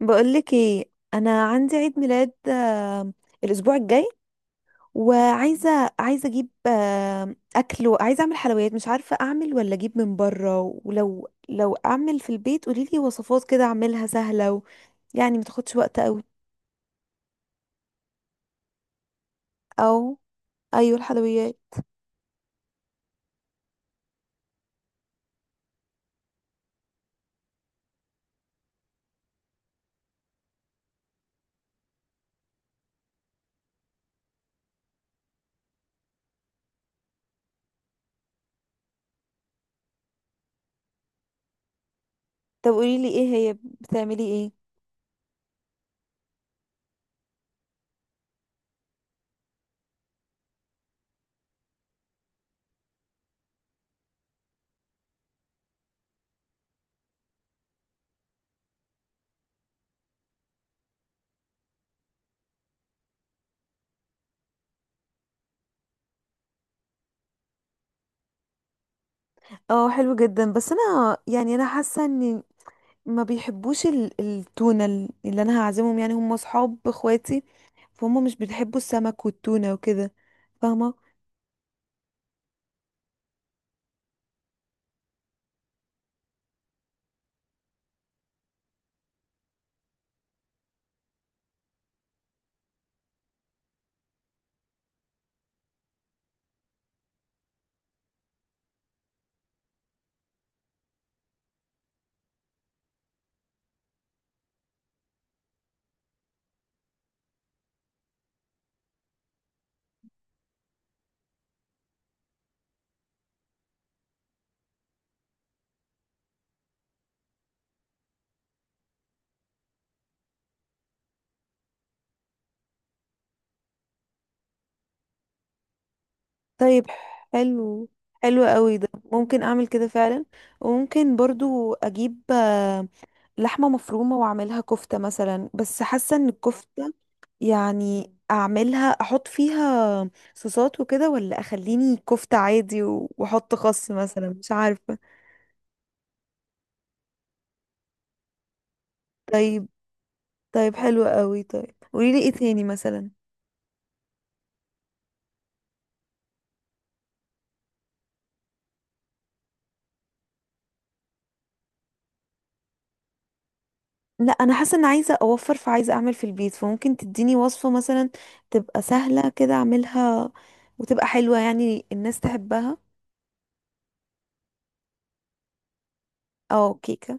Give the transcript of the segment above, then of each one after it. بقولك ايه، انا عندي عيد ميلاد الاسبوع الجاي. وعايزه اجيب اكل، وعايزه اعمل حلويات. مش عارفه اعمل ولا اجيب من بره، ولو اعمل في البيت قوليلي وصفات كده اعملها سهله يعني ما تاخدش وقت قوي. او ايوه، الحلويات. طب قوليلي ايه هي بتعملي ايه؟ اه، حلو جدا. بس انا يعني انا حاسه ان ما بيحبوش التونة، اللي انا هعزمهم يعني هم اصحاب اخواتي، فهم مش بيحبوا السمك والتونة وكده. فاهمة. طيب حلو. حلو قوي ده، ممكن اعمل كده فعلا. وممكن برضو اجيب لحمة مفرومة واعملها كفتة مثلا. بس حاسة ان الكفتة يعني اعملها احط فيها صوصات وكده، ولا اخليني كفتة عادي واحط خس مثلا، مش عارفة. طيب. طيب حلو قوي. طيب قوليلي ايه تاني مثلا. لا، انا حاسه ان عايزه اوفر، فعايزه اعمل في البيت، فممكن تديني وصفه مثلا تبقى سهله كده اعملها وتبقى حلوه يعني الناس تحبها. او كيكه.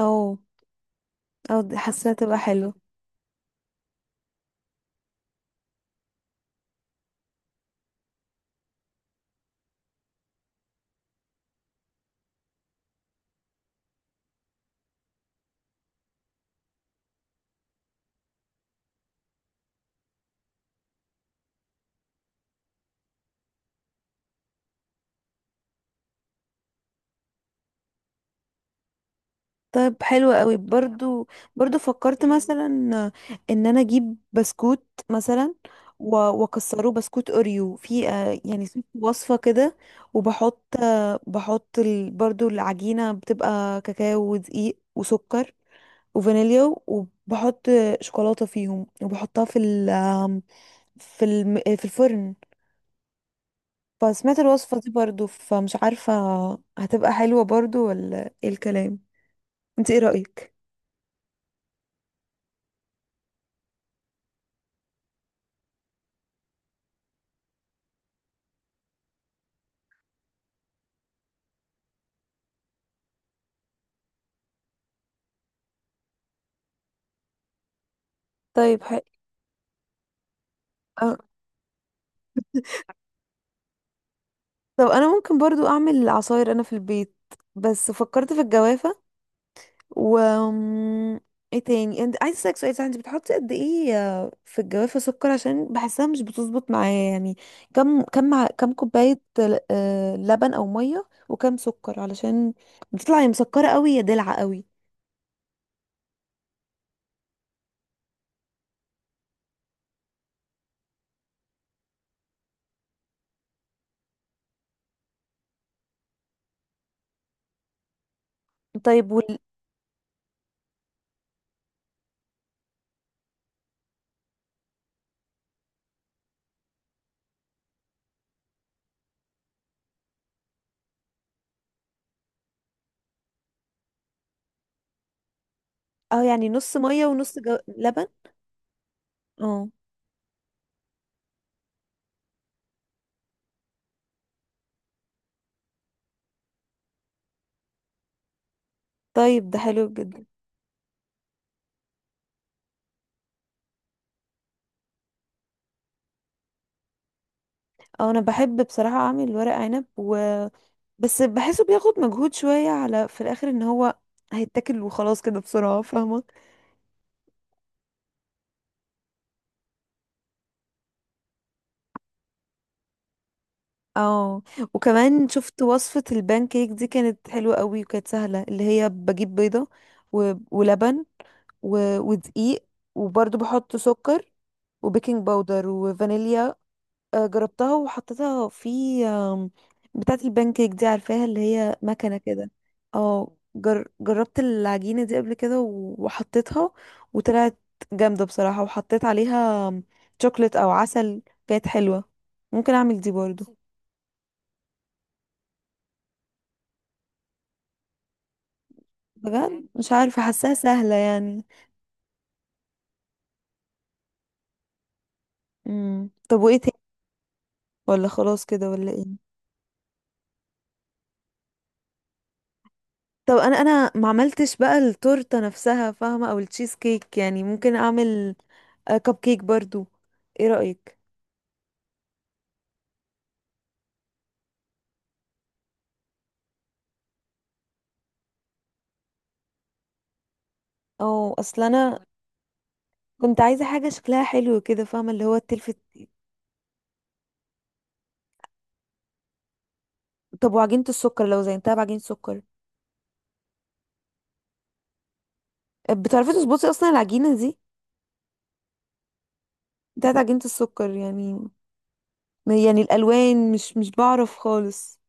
او حاسه تبقى حلوه. طيب حلوة قوي برضو. برضو فكرت مثلا ان انا اجيب بسكوت مثلا واكسره بسكوت اوريو، في يعني في وصفه كده. وبحط آه، بحط برضو العجينه بتبقى كاكاو ودقيق وسكر وفانيليا. وبحط شوكولاتة فيهم، وبحطها في في الفرن. فسمعت الوصفة دي برضو، فمش عارفة هتبقى حلوة برضو ولا ايه الكلام؟ انت ايه رأيك؟ طيب حق. أه. طب انا ممكن برضو اعمل عصاير انا في البيت. بس فكرت في الجوافة و ايه تاني. انت عايز اسالك سؤال، صح، انت بتحطي قد ايه في الجوافه سكر؟ عشان بحسها مش بتظبط معايا يعني. كم كوبايه لبن او ميه، وكم سكر، علشان بتطلع يا مسكره قوي يا دلعه قوي. طيب اه يعني نص ميه ونص لبن. اه طيب ده حلو جدا. اه، انا بحب بصراحه اعمل ورق عنب، بس بحسه بياخد مجهود شويه، على في الاخر ان هو هيتاكل وخلاص كده بسرعه، فاهمه. اه. وكمان شفت وصفة البان كيك دي، كانت حلوة قوي وكانت سهلة. اللي هي بجيب بيضة ولبن ودقيق، وبرضو بحط سكر وبيكنج باودر وفانيليا. جربتها وحطيتها في آم، بتاعة البان كيك دي، عارفاها، اللي هي مكنة كده. اه. جربت العجينة دي قبل كده وحطيتها، وطلعت جامدة بصراحة. وحطيت عليها شوكليت او عسل، كانت حلوة. ممكن اعمل دي برضو. بجد مش عارفة، حاساها سهلة يعني. طب وايه تاني؟ ولا خلاص كده ولا ايه؟ طب انا ما عملتش بقى التورتة نفسها، فاهمة، او التشيز كيك. يعني ممكن اعمل كب كيك برضو. ايه رأيك؟ او اصل انا كنت عايزة حاجة شكلها حلو كده، فاهمة، اللي هو تلفت. طب وعجينة السكر، لو زينتها بعجينة سكر. بتعرفي تظبطي اصلا العجينة دي، بتاعت عجينة السكر يعني. يعني الالوان مش بعرف خالص.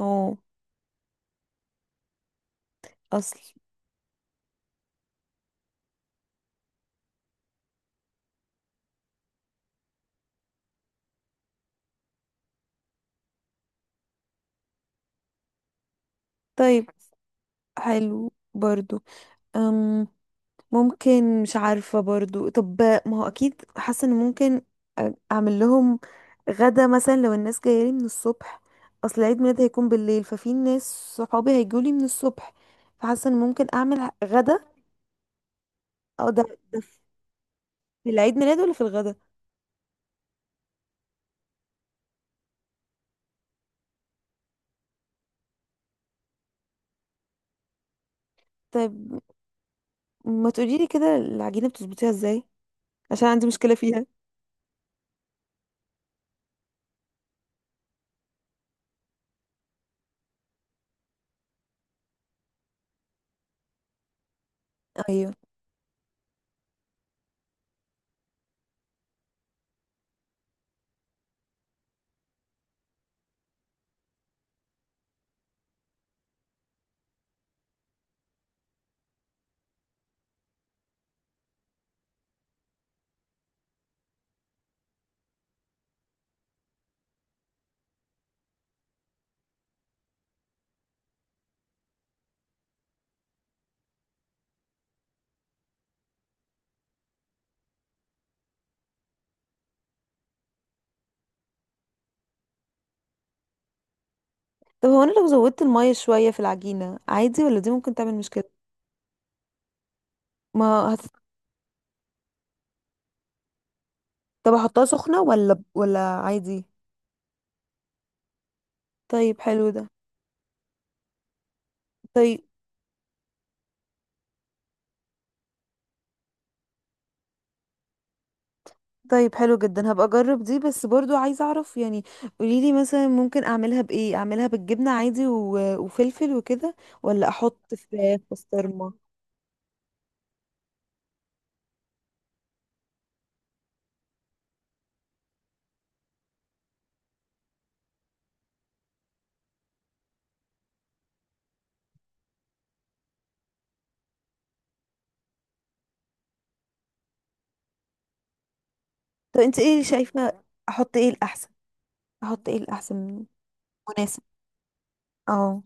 اه. اصل. طيب حلو برضو. أم ممكن مش عارفة برضو. طب ما هو أكيد حاسة إن ممكن أعمل لهم غدا مثلا لو الناس جاية لي من الصبح. أصل عيد ميلادي هيكون بالليل، ففي ناس صحابي هيجوا لي من الصبح، فحاسة إن ممكن أعمل غدا. أو ده في العيد ميلاد ولا في الغدا؟ طب ما تقوليلي كده العجينة بتظبطيها إزاي، عشان عندي مشكلة فيها. أيوه. طب هو أنا لو زودت المية شوية في العجينة عادي، ولا دي ممكن تعمل مشكلة؟ ما هت... طب أحطها سخنة ولا عادي؟ طيب حلو ده. طيب. طيب حلو جدا، هبقى اجرب دي. بس برضو عايزه اعرف يعني، قوليلي مثلا ممكن اعملها بايه؟ اعملها بالجبنه عادي وفلفل وكده، ولا احط فراخ بسطرمه؟ طب انت ايه شايفه؟ احط ايه الاحسن؟ احط ايه الاحسن؟ مناسب. اه.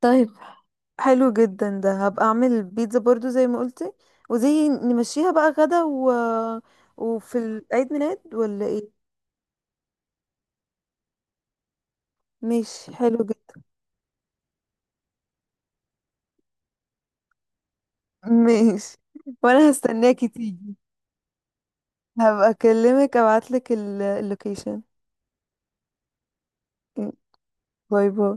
طيب حلو جدا ده، هبقى اعمل البيتزا برضو زي ما قلتي. وزي نمشيها بقى غدا وفي العيد ميلاد ولا ايه. ماشي حلو جدا. ماشي. وانا هستناكي تيجي. هبقى اكلمك، ابعتلك اللوكيشن. باي باي.